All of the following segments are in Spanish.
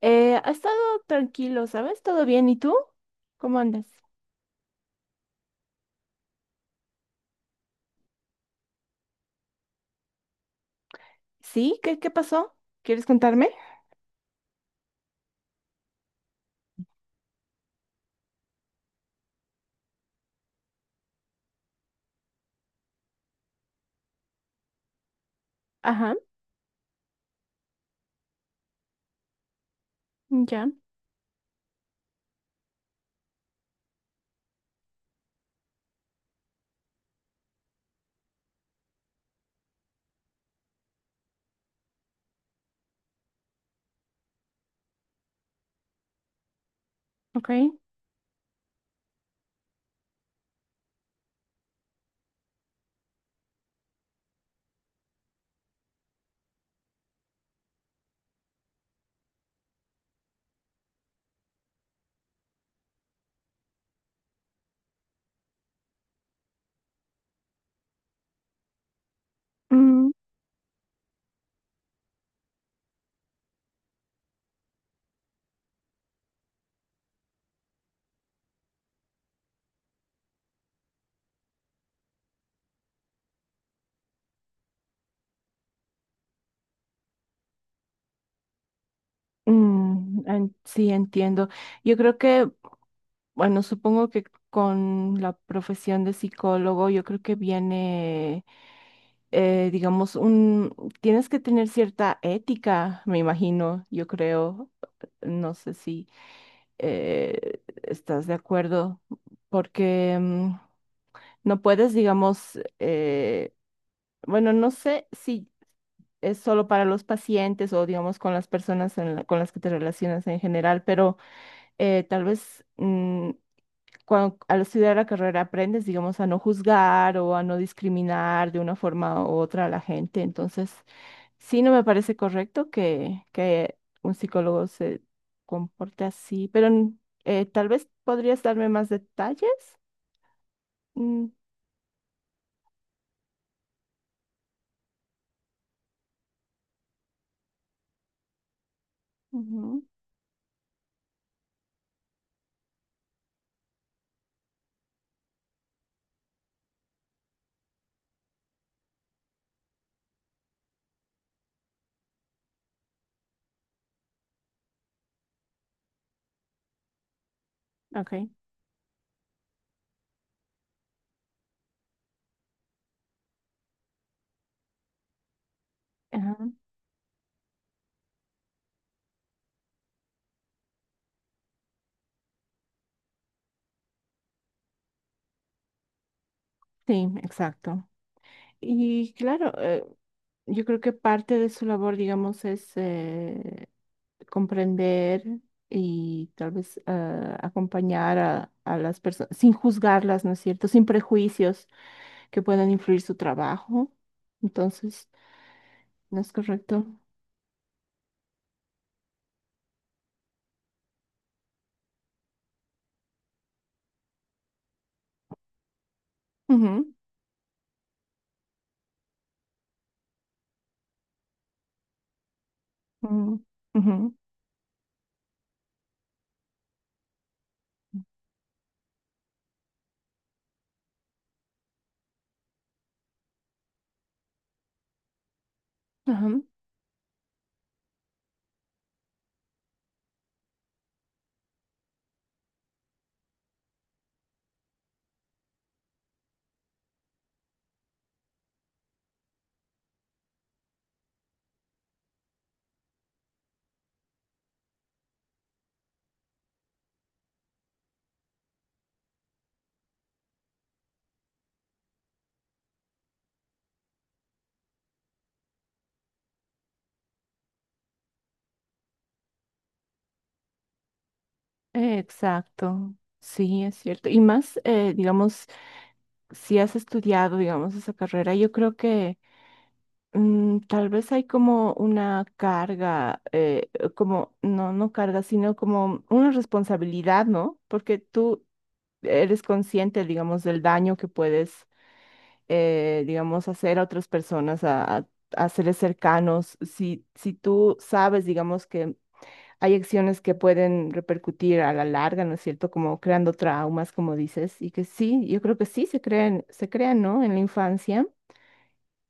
Ha estado tranquilo, ¿sabes? ¿Todo bien? ¿Y tú? ¿Cómo andas? ¿Sí? ¿Qué pasó? ¿Quieres contarme? Ajá, ya, ok. Mm, sí, entiendo. Yo creo que, bueno, supongo que con la profesión de psicólogo, yo creo que viene, digamos, tienes que tener cierta ética, me imagino, yo creo. No sé si estás de acuerdo, porque no puedes, digamos, bueno, no sé si es solo para los pacientes o, digamos, con las personas con las que te relacionas en general, pero tal vez, cuando, al estudiar la carrera aprendes, digamos, a no juzgar o a no discriminar de una forma u otra a la gente. Entonces, sí, no me parece correcto que un psicólogo se comporte así, pero tal vez podrías darme más detalles. Mm, ujú, ok. Sí, exacto. Y claro, yo creo que parte de su labor, digamos, es comprender y tal vez acompañar a las personas, sin juzgarlas, ¿no es cierto? Sin prejuicios que puedan influir su trabajo. Entonces, ¿no es correcto? Ujú, ujú, ujú, ajá. Exacto. Sí, es cierto. Y más, digamos, si has estudiado, digamos, esa carrera, yo creo que, tal vez hay como una carga, como, no, no carga, sino como una responsabilidad, ¿no? Porque tú eres consciente, digamos, del daño que puedes, digamos, hacer a otras personas, a seres cercanos. Si tú sabes, digamos, que hay acciones que pueden repercutir a la larga, ¿no es cierto? Como creando traumas, como dices, y que sí, yo creo que sí se crean, ¿no? En la infancia.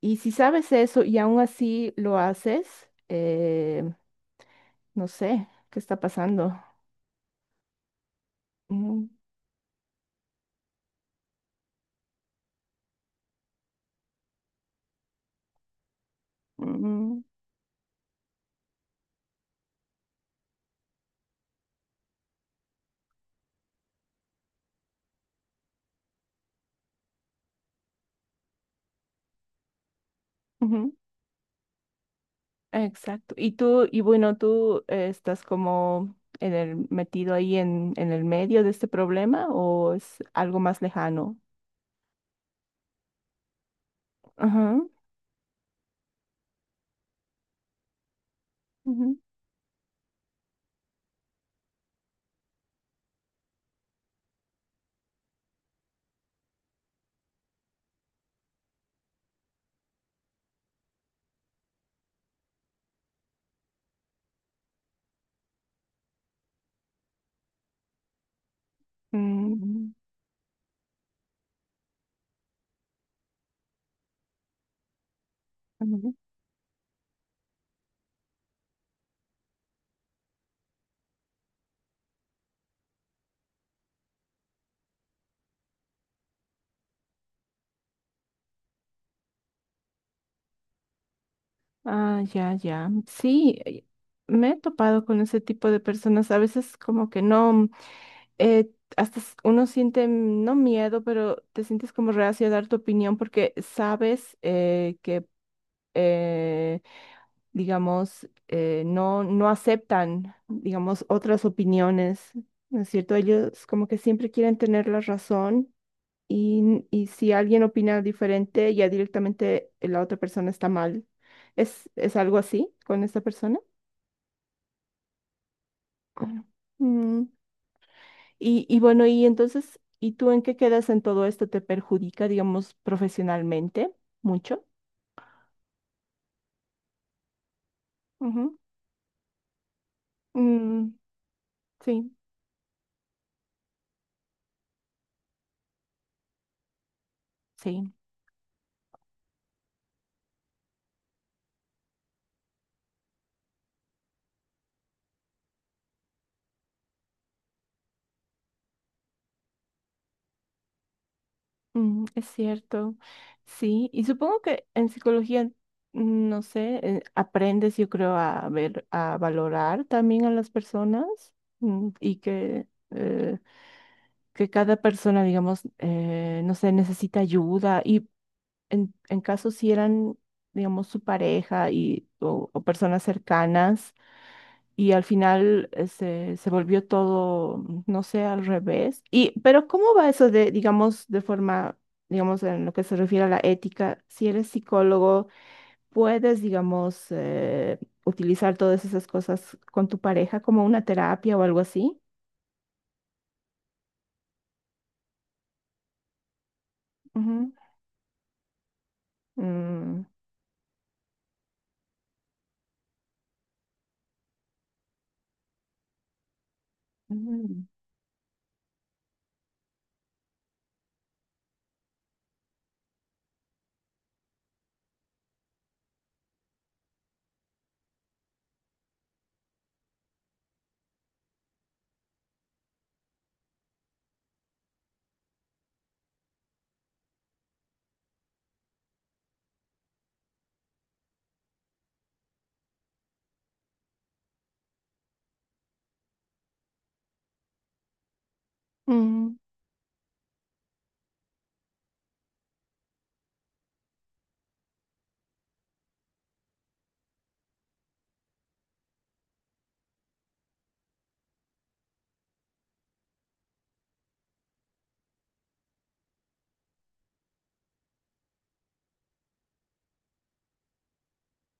Y si sabes eso y aún así lo haces, no sé qué está pasando. Ujú, ujú, ujú, exacto. ¿Y tú, y bueno, tú estás como metido ahí en el medio de este problema, o es algo más lejano? Ajá. Ujú, mm, ujú. Ah, ya, ya. Sí, me he topado con ese tipo de personas. A veces como que no. eh, uno siente, no miedo, pero te sientes como reacio a dar tu opinión porque sabes que, eh, digamos, no aceptan, digamos, otras opiniones, ¿no es cierto? Ellos como que siempre quieren tener la razón, y si alguien opina diferente, ya directamente la otra persona está mal. ¿Es algo así con esta persona? Mm. Y bueno, y entonces, ¿y tú en qué quedas en todo esto? ¿Te perjudica, digamos, profesionalmente mucho? Ujú. Mm, sí, sí, es cierto. Sí, y supongo que en psicología, no sé, aprendes, yo creo, a ver, a valorar también a las personas, y que cada persona, digamos, no sé, necesita ayuda. Y en caso si eran, digamos, su pareja o personas cercanas, y al final se volvió todo, no sé, al revés. Y pero, ¿cómo va eso de, digamos, de forma, digamos, en lo que se refiere a la ética? Si eres psicólogo, ¿puedes, digamos, utilizar todas esas cosas con tu pareja como una terapia o algo así? Ujú. Mm, mm, mm,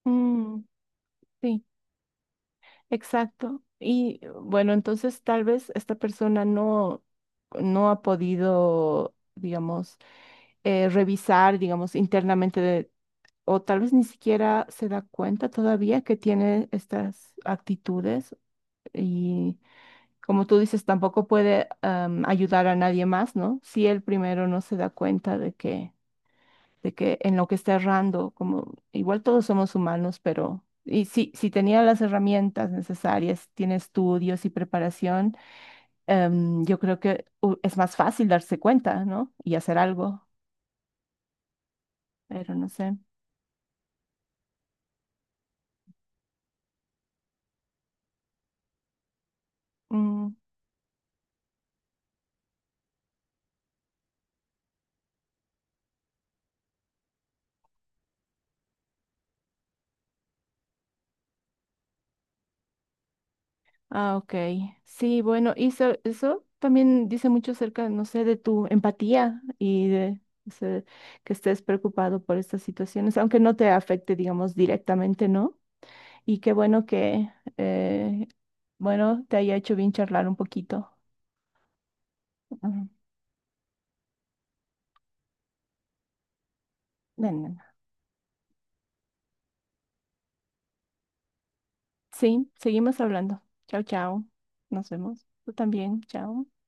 mm, sí. Exacto. Y bueno, entonces tal vez esta persona no ha podido, digamos, revisar, digamos, internamente, o tal vez ni siquiera se da cuenta todavía que tiene estas actitudes y, como tú dices, tampoco puede ayudar a nadie más, ¿no? Si él primero no se da cuenta de que en lo que está errando. Como igual todos somos humanos, pero, y si tenía las herramientas necesarias, tiene estudios y preparación, yo creo que es más fácil darse cuenta, ¿no? Y hacer algo, pero no sé. Mm, ah, ok. Sí, bueno, y eso también dice mucho acerca, no sé, de tu empatía y de, o sea, que estés preocupado por estas situaciones, aunque no te afecte, digamos, directamente, ¿no? Y qué bueno que, eh, bueno, te haya hecho bien charlar un poquito. Ujú. De nada. Sí, seguimos hablando. Chao, chao. Nos vemos. Tú también. Chao.